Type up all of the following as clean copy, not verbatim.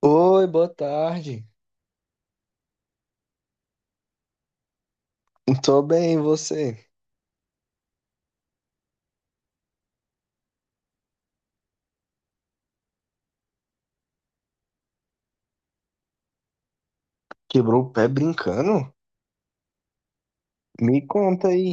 Oi, boa tarde. Tô bem, e você? Quebrou o pé brincando? Me conta aí.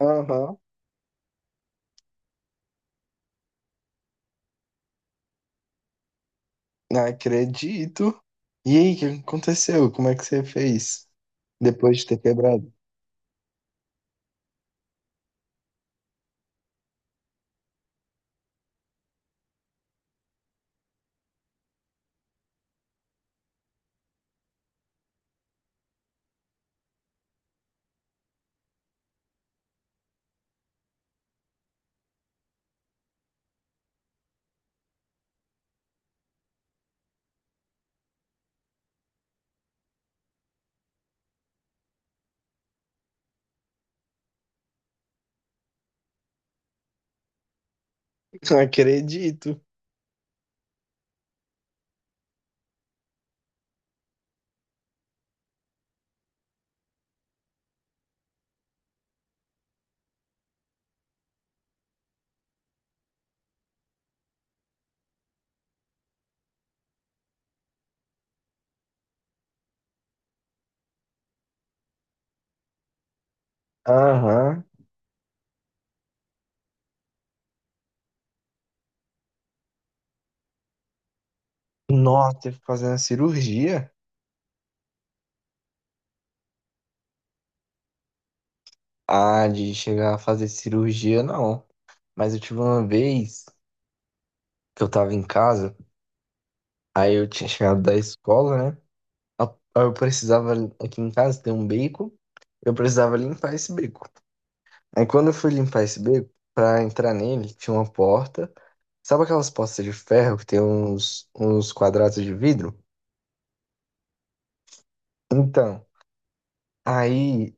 Aham, acredito. E aí, o que aconteceu? Como é que você fez depois de ter quebrado? Acredito. Aham. Nossa, teve que fazer uma cirurgia? Ah, de chegar a fazer cirurgia, não. Mas eu tive uma vez que eu tava em casa, aí eu tinha chegado da escola, né? Eu precisava aqui em casa ter um beco, eu precisava limpar esse beco. Aí quando eu fui limpar esse beco, pra entrar nele, tinha uma porta. Sabe aquelas portas de ferro que tem uns, uns quadrados de vidro? Então, aí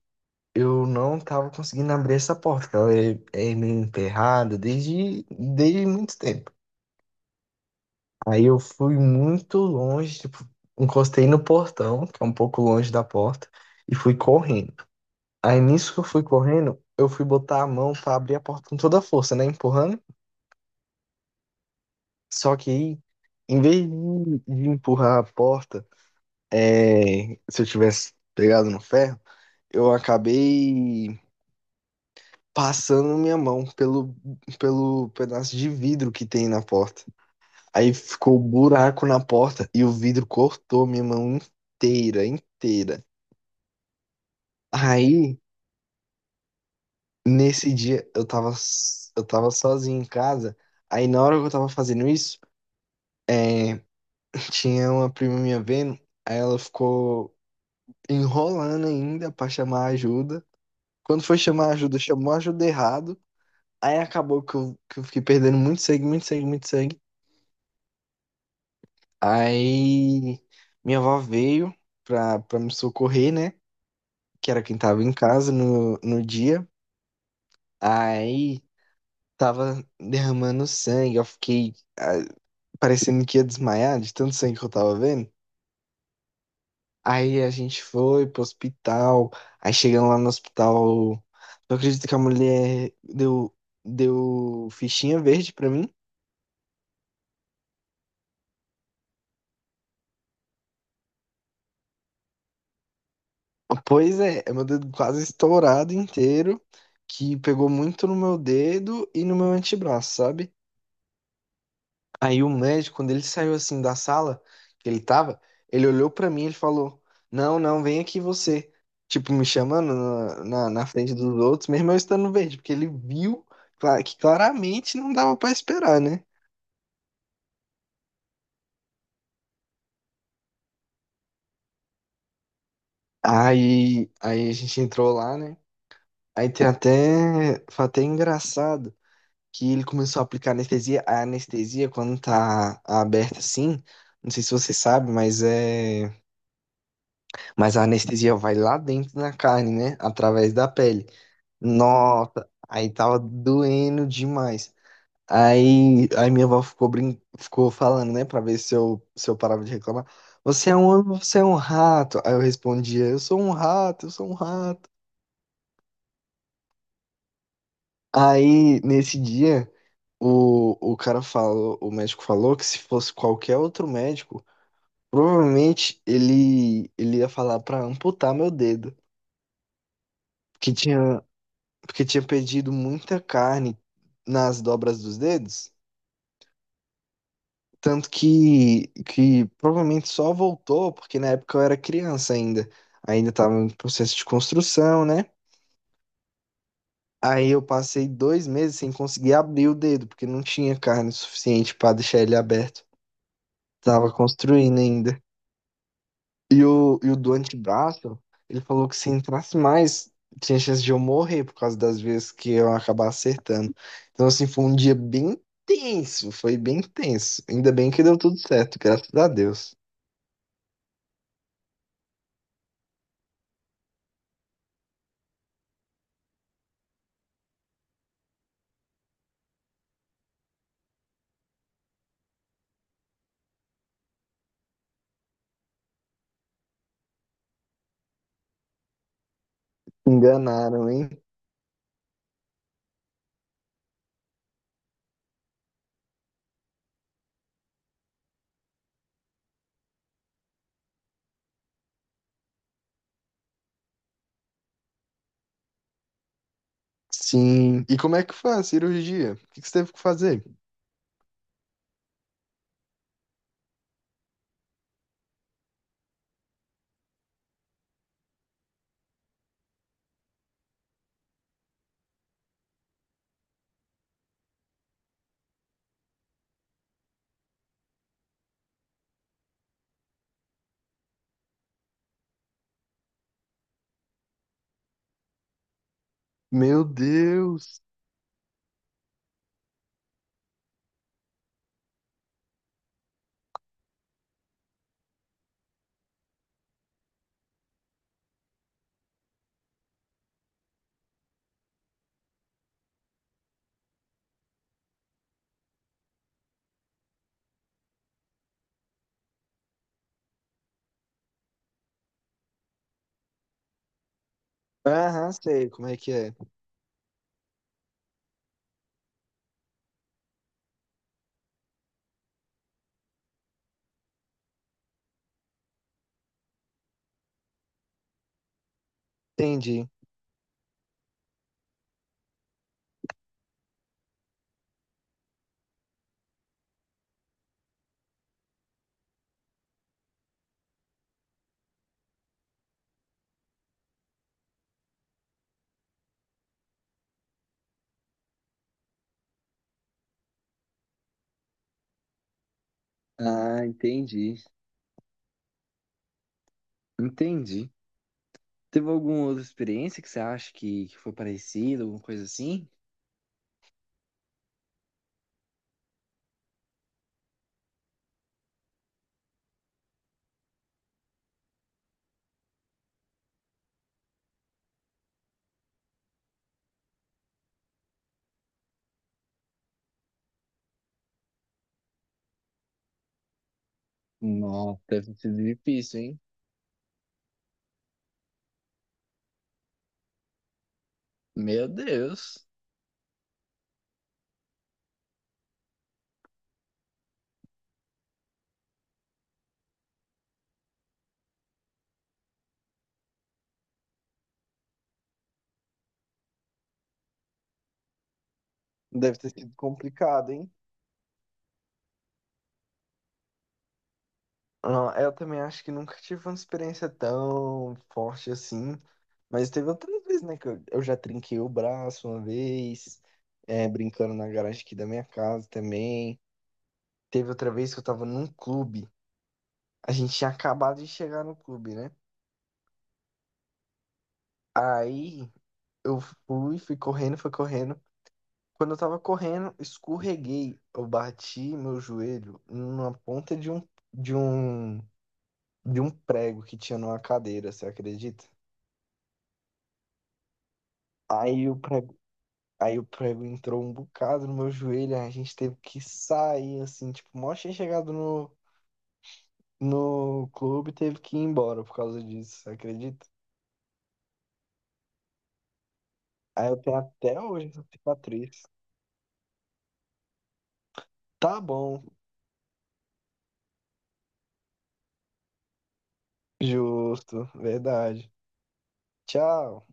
eu não tava conseguindo abrir essa porta, porque ela é meio emperrada desde muito tempo. Aí eu fui muito longe, tipo, encostei no portão, que é um pouco longe da porta, e fui correndo. Aí nisso que eu fui correndo, eu fui botar a mão pra abrir a porta com toda a força, né? Empurrando. Só que aí, em vez de empurrar a porta, é, se eu tivesse pegado no ferro, eu acabei passando minha mão pelo, pelo pedaço de vidro que tem na porta. Aí ficou um buraco na porta e o vidro cortou minha mão inteira, inteira. Aí, nesse dia, eu tava, eu tava sozinho em casa. Aí na hora que eu tava fazendo isso, é, tinha uma prima minha vendo, aí ela ficou enrolando ainda pra chamar ajuda. Quando foi chamar ajuda, chamou ajuda errado. Aí acabou que eu fiquei perdendo muito sangue, muito sangue, muito sangue. Aí minha avó veio pra me socorrer, né? Que era quem tava em casa no, no dia. Aí tava derramando sangue, eu fiquei ah, parecendo que ia desmaiar de tanto sangue que eu tava vendo. Aí a gente foi pro hospital. Aí chegando lá no hospital, tu acredita que a mulher deu, deu fichinha verde pra mim? Pois é, é meu dedo quase estourado inteiro, que pegou muito no meu dedo e no meu antebraço, sabe? Aí o médico, quando ele saiu assim da sala que ele tava, ele olhou pra mim e ele falou: "Não, não, vem aqui você." Tipo, me chamando na, na, na frente dos outros, mesmo eu estando verde, porque ele viu que claramente não dava pra esperar, né? Aí, aí a gente entrou lá, né? Aí tem até, foi até engraçado que ele começou a aplicar anestesia. A anestesia, quando tá aberta assim, não sei se você sabe, mas é. Mas a anestesia vai lá dentro na carne, né? Através da pele. Nossa, aí tava doendo demais. Aí, aí minha avó ficou, ficou falando, né? Pra ver se eu, se eu parava de reclamar. Você é um rato. Aí eu respondia, eu sou um rato, eu sou um rato. Aí, nesse dia, o cara falou, o médico falou que se fosse qualquer outro médico, provavelmente ele, ele ia falar pra amputar meu dedo. Que tinha porque tinha perdido muita carne nas dobras dos dedos, tanto que provavelmente só voltou, porque na época eu era criança ainda, ainda estava em processo de construção, né? Aí eu passei 2 meses sem conseguir abrir o dedo, porque não tinha carne suficiente para deixar ele aberto. Tava construindo ainda. E o do antebraço, ele falou que se entrasse mais, tinha chance de eu morrer por causa das vezes que eu acabar acertando. Então, assim, foi um dia bem tenso, foi bem tenso. Ainda bem que deu tudo certo, graças a Deus. Enganaram, hein? Sim. E como é que foi a cirurgia? O que que você teve que fazer? Meu Deus. Aham, sei como é que é. Entendi. Ah, entendi. Entendi. Teve alguma outra experiência que você acha que foi parecida, alguma coisa assim? Nossa, deve ter sido difícil, hein? Meu Deus. Deve ter sido complicado, hein? Ah, eu também acho que nunca tive uma experiência tão forte assim. Mas teve outras vezes, né? Que eu já trinquei o braço uma vez, é, brincando na garagem aqui da minha casa também. Teve outra vez que eu tava num clube. A gente tinha acabado de chegar no clube, né? Aí eu fui, fui correndo, fui correndo. Quando eu tava correndo, escorreguei. Eu bati meu joelho numa ponta de um, de um, de um prego que tinha numa cadeira, você acredita? Aí o prego, aí o prego entrou um bocado no meu joelho, aí a gente teve que sair, assim, tipo, mó tinha chegado no, no clube, teve que ir embora por causa disso, você acredita? Aí eu tenho até hoje essa cicatriz. Tá bom, justo, verdade. Tchau.